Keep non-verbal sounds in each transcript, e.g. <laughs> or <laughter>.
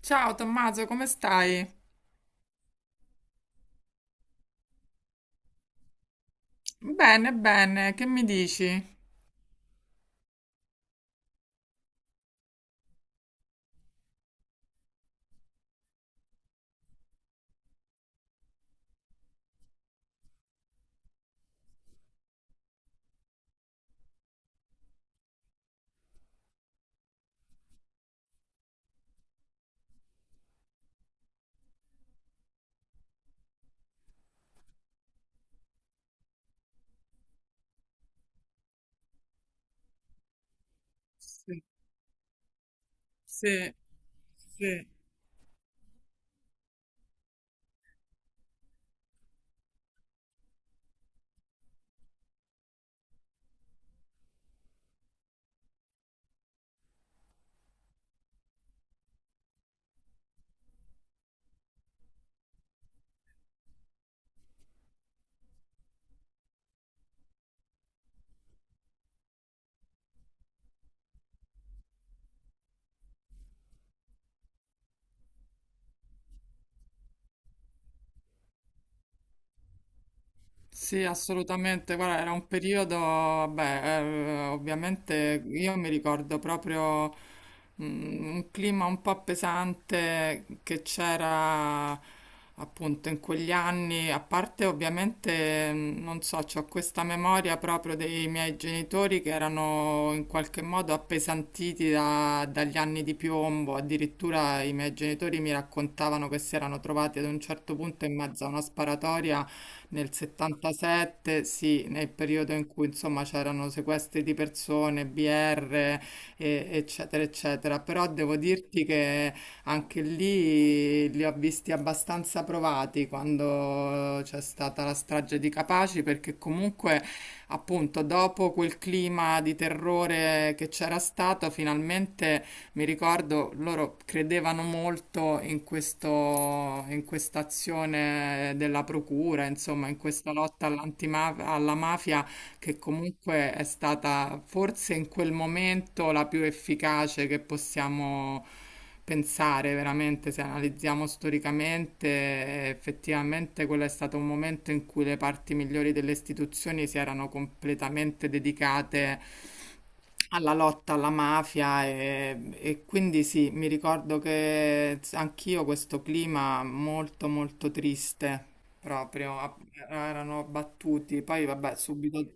Ciao Tommaso, come stai? Bene, bene, che mi dici? Sì, sì, sì. Sì, assolutamente. Guarda, era un periodo, vabbè, ovviamente io mi ricordo proprio un clima un po' pesante che c'era appunto in quegli anni, a parte ovviamente, non so, c'ho questa memoria proprio dei miei genitori che erano in qualche modo appesantiti dagli anni di piombo. Addirittura i miei genitori mi raccontavano che si erano trovati ad un certo punto in mezzo a una sparatoria nel 77, sì, nel periodo in cui insomma c'erano sequestri di persone, BR, eccetera, eccetera. Però devo dirti che anche lì li ho visti abbastanza provati quando c'è stata la strage di Capaci, perché comunque, appunto, dopo quel clima di terrore che c'era stato, finalmente mi ricordo loro credevano molto in questo, in questa azione della procura, insomma, in questa lotta alla mafia, che comunque è stata forse in quel momento la più efficace che possiamo pensare veramente. Se analizziamo storicamente, effettivamente quello è stato un momento in cui le parti migliori delle istituzioni si erano completamente dedicate alla lotta alla mafia e quindi sì, mi ricordo che anch'io questo clima molto molto triste proprio, erano battuti, poi vabbè subito.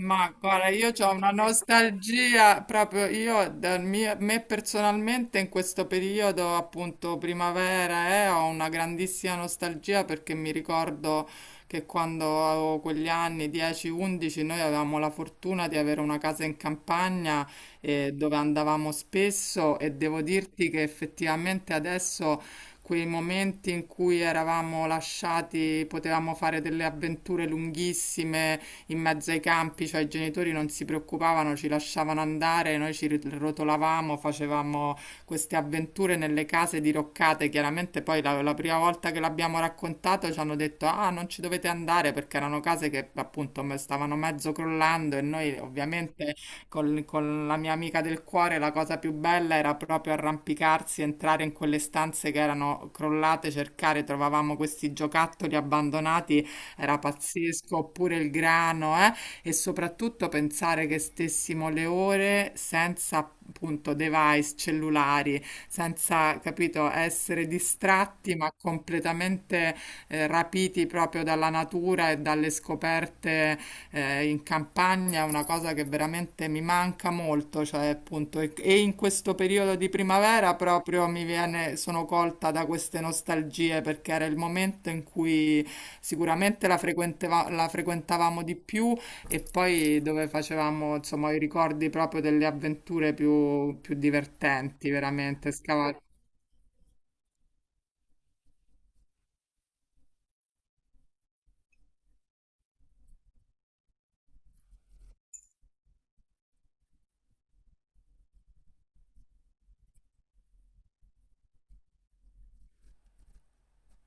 Ma guarda, io ho una nostalgia proprio io, me personalmente in questo periodo, appunto primavera, ho una grandissima nostalgia perché mi ricordo che quando avevo quegli anni, 10-11, noi avevamo la fortuna di avere una casa in campagna, dove andavamo spesso e devo dirti che effettivamente adesso. Quei momenti in cui eravamo lasciati, potevamo fare delle avventure lunghissime, in mezzo ai campi, cioè i genitori non si preoccupavano, ci lasciavano andare, noi rotolavamo, facevamo queste avventure nelle case diroccate. Chiaramente poi la prima volta che l'abbiamo raccontato ci hanno detto ah non ci dovete andare, perché erano case che appunto stavano mezzo crollando e noi ovviamente con la mia amica del cuore la cosa più bella era proprio arrampicarsi, entrare in quelle stanze che erano crollate, cercare, trovavamo questi giocattoli abbandonati, era pazzesco, oppure il grano, eh? E soprattutto pensare che stessimo le ore senza appunto device cellulari, senza, capito, essere distratti ma completamente rapiti proprio dalla natura e dalle scoperte, in campagna è una cosa che veramente mi manca molto, cioè appunto e in questo periodo di primavera proprio mi viene, sono colta da queste nostalgie perché era il momento in cui sicuramente la la frequentavamo di più e poi dove facevamo insomma i ricordi proprio delle avventure più, più divertenti, veramente scavare.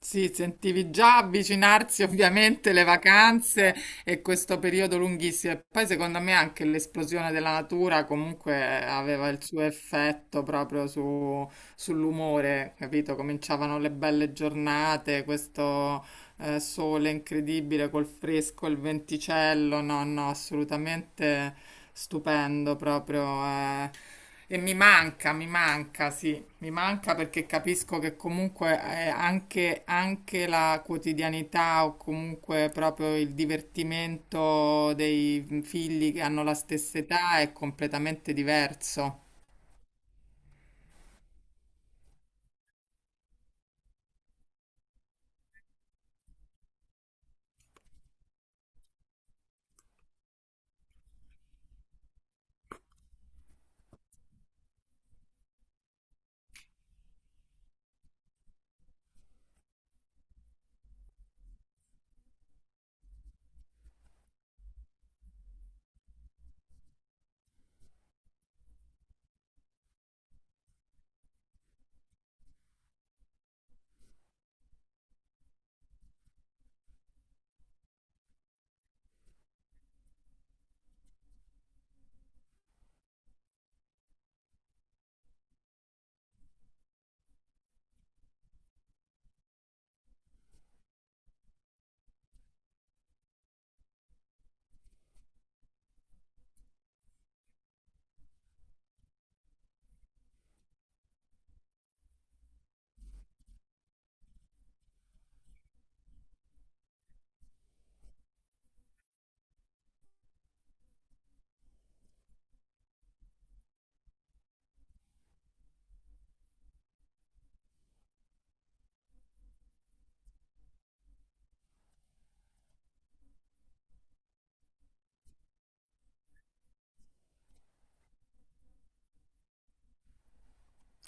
Sì, sentivi già avvicinarsi ovviamente le vacanze e questo periodo lunghissimo. E poi secondo me anche l'esplosione della natura comunque aveva il suo effetto proprio sull'umore, capito? Cominciavano le belle giornate, questo sole incredibile col fresco, il venticello, no, no, assolutamente stupendo proprio. Eh. E mi manca, sì, mi manca perché capisco che comunque anche, anche la quotidianità o comunque proprio il divertimento dei figli che hanno la stessa età è completamente diverso.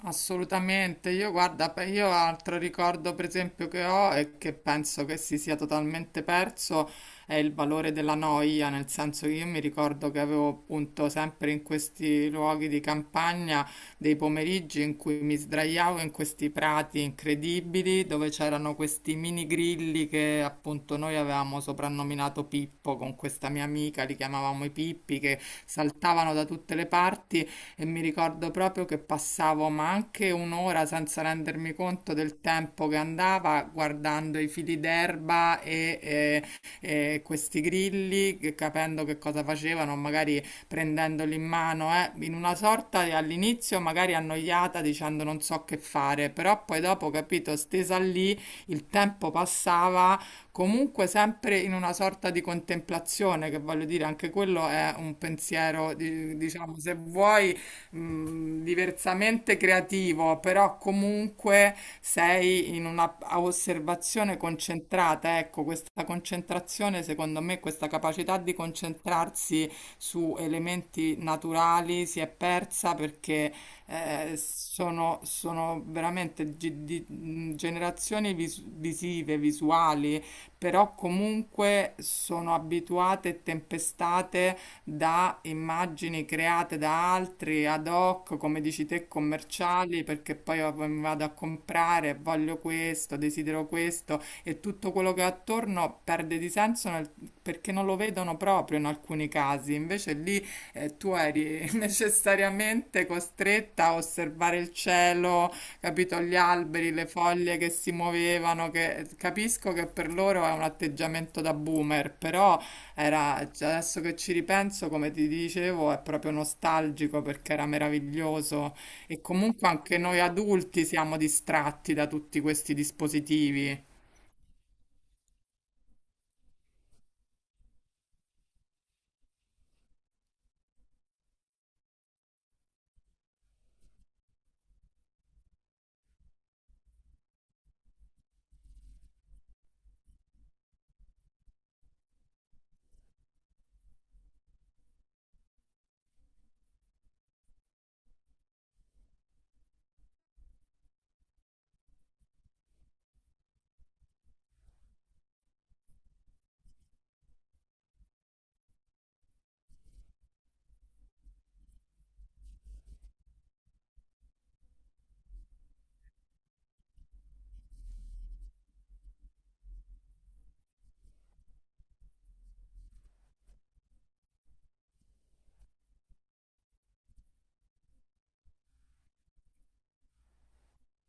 Assolutamente, io guarda, io altro ricordo per esempio che ho e che penso che si sia totalmente perso è il valore della noia, nel senso che io mi ricordo che avevo appunto sempre in questi luoghi di campagna dei pomeriggi in cui mi sdraiavo in questi prati incredibili dove c'erano questi mini grilli che appunto noi avevamo soprannominato Pippo con questa mia amica, li chiamavamo i Pippi, che saltavano da tutte le parti e mi ricordo proprio che passavo ma anche un'ora senza rendermi conto del tempo che andava guardando i fili d'erba e questi grilli, capendo che cosa facevano, magari prendendoli in mano, in una all'inizio magari annoiata dicendo non so che fare, però poi dopo, capito, stesa lì, il tempo passava comunque sempre in una sorta di contemplazione, che voglio dire, anche quello è un pensiero, diciamo, se vuoi diversamente creativo, però comunque sei in una a osservazione concentrata. Ecco, questa concentrazione, secondo me, questa capacità di concentrarsi su elementi naturali si è persa perché sono, sono veramente generazioni visive, visuali, però comunque sono abituate e tempestate da immagini create da altri ad hoc, come dici te, commerciali, perché poi mi vado a comprare, voglio questo, desidero questo e tutto quello che è attorno perde di senso perché non lo vedono proprio in alcuni casi. Invece lì tu eri <laughs> necessariamente costretta a osservare il cielo, capito? Gli alberi, le foglie che si muovevano, che capisco che per loro è un atteggiamento da boomer, però era, cioè, adesso che ci ripenso, come ti dicevo, è proprio nostalgico perché era meraviglioso e comunque anche noi adulti siamo distratti da tutti questi dispositivi.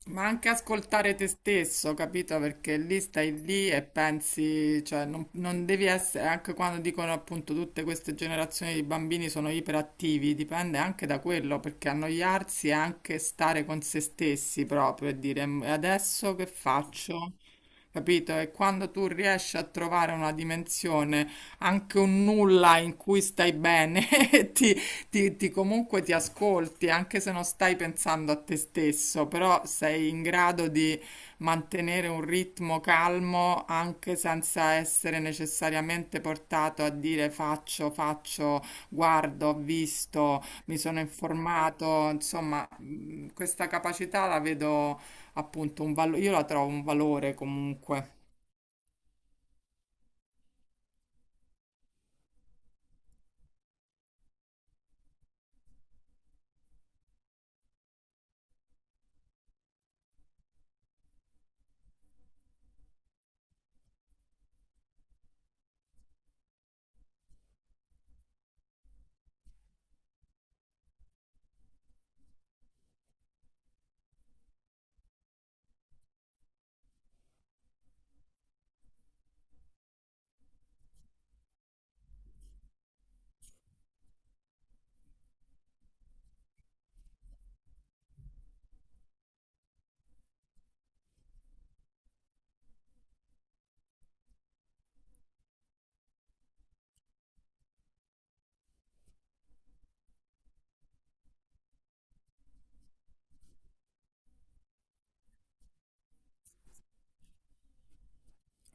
Ma anche ascoltare te stesso, capito? Perché lì stai lì e pensi, cioè non, non devi essere, anche quando dicono appunto tutte queste generazioni di bambini sono iperattivi, dipende anche da quello, perché annoiarsi è anche stare con se stessi proprio e dire adesso che faccio? Capito? E quando tu riesci a trovare una dimensione, anche un nulla in cui stai bene, <laughs> e ti, comunque ti ascolti, anche se non stai pensando a te stesso, però sei in grado di mantenere un ritmo calmo anche senza essere necessariamente portato a dire faccio, faccio, guardo, ho visto, mi sono informato, insomma, questa capacità la vedo appunto un valore, io la trovo un valore comunque.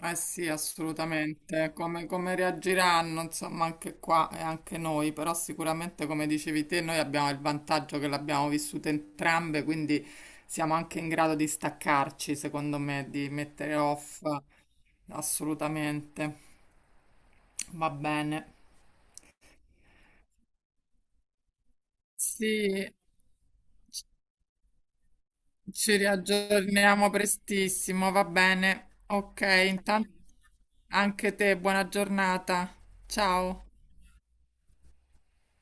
Eh sì, assolutamente. Come, come reagiranno, insomma, anche qua e anche noi, però sicuramente, come dicevi te, noi abbiamo il vantaggio che l'abbiamo vissuta entrambe, quindi siamo anche in grado di staccarci, secondo me, di mettere off. Assolutamente. Va bene. Sì, ci riaggiorniamo prestissimo, va bene. Ok, intanto anche te, buona giornata. Ciao.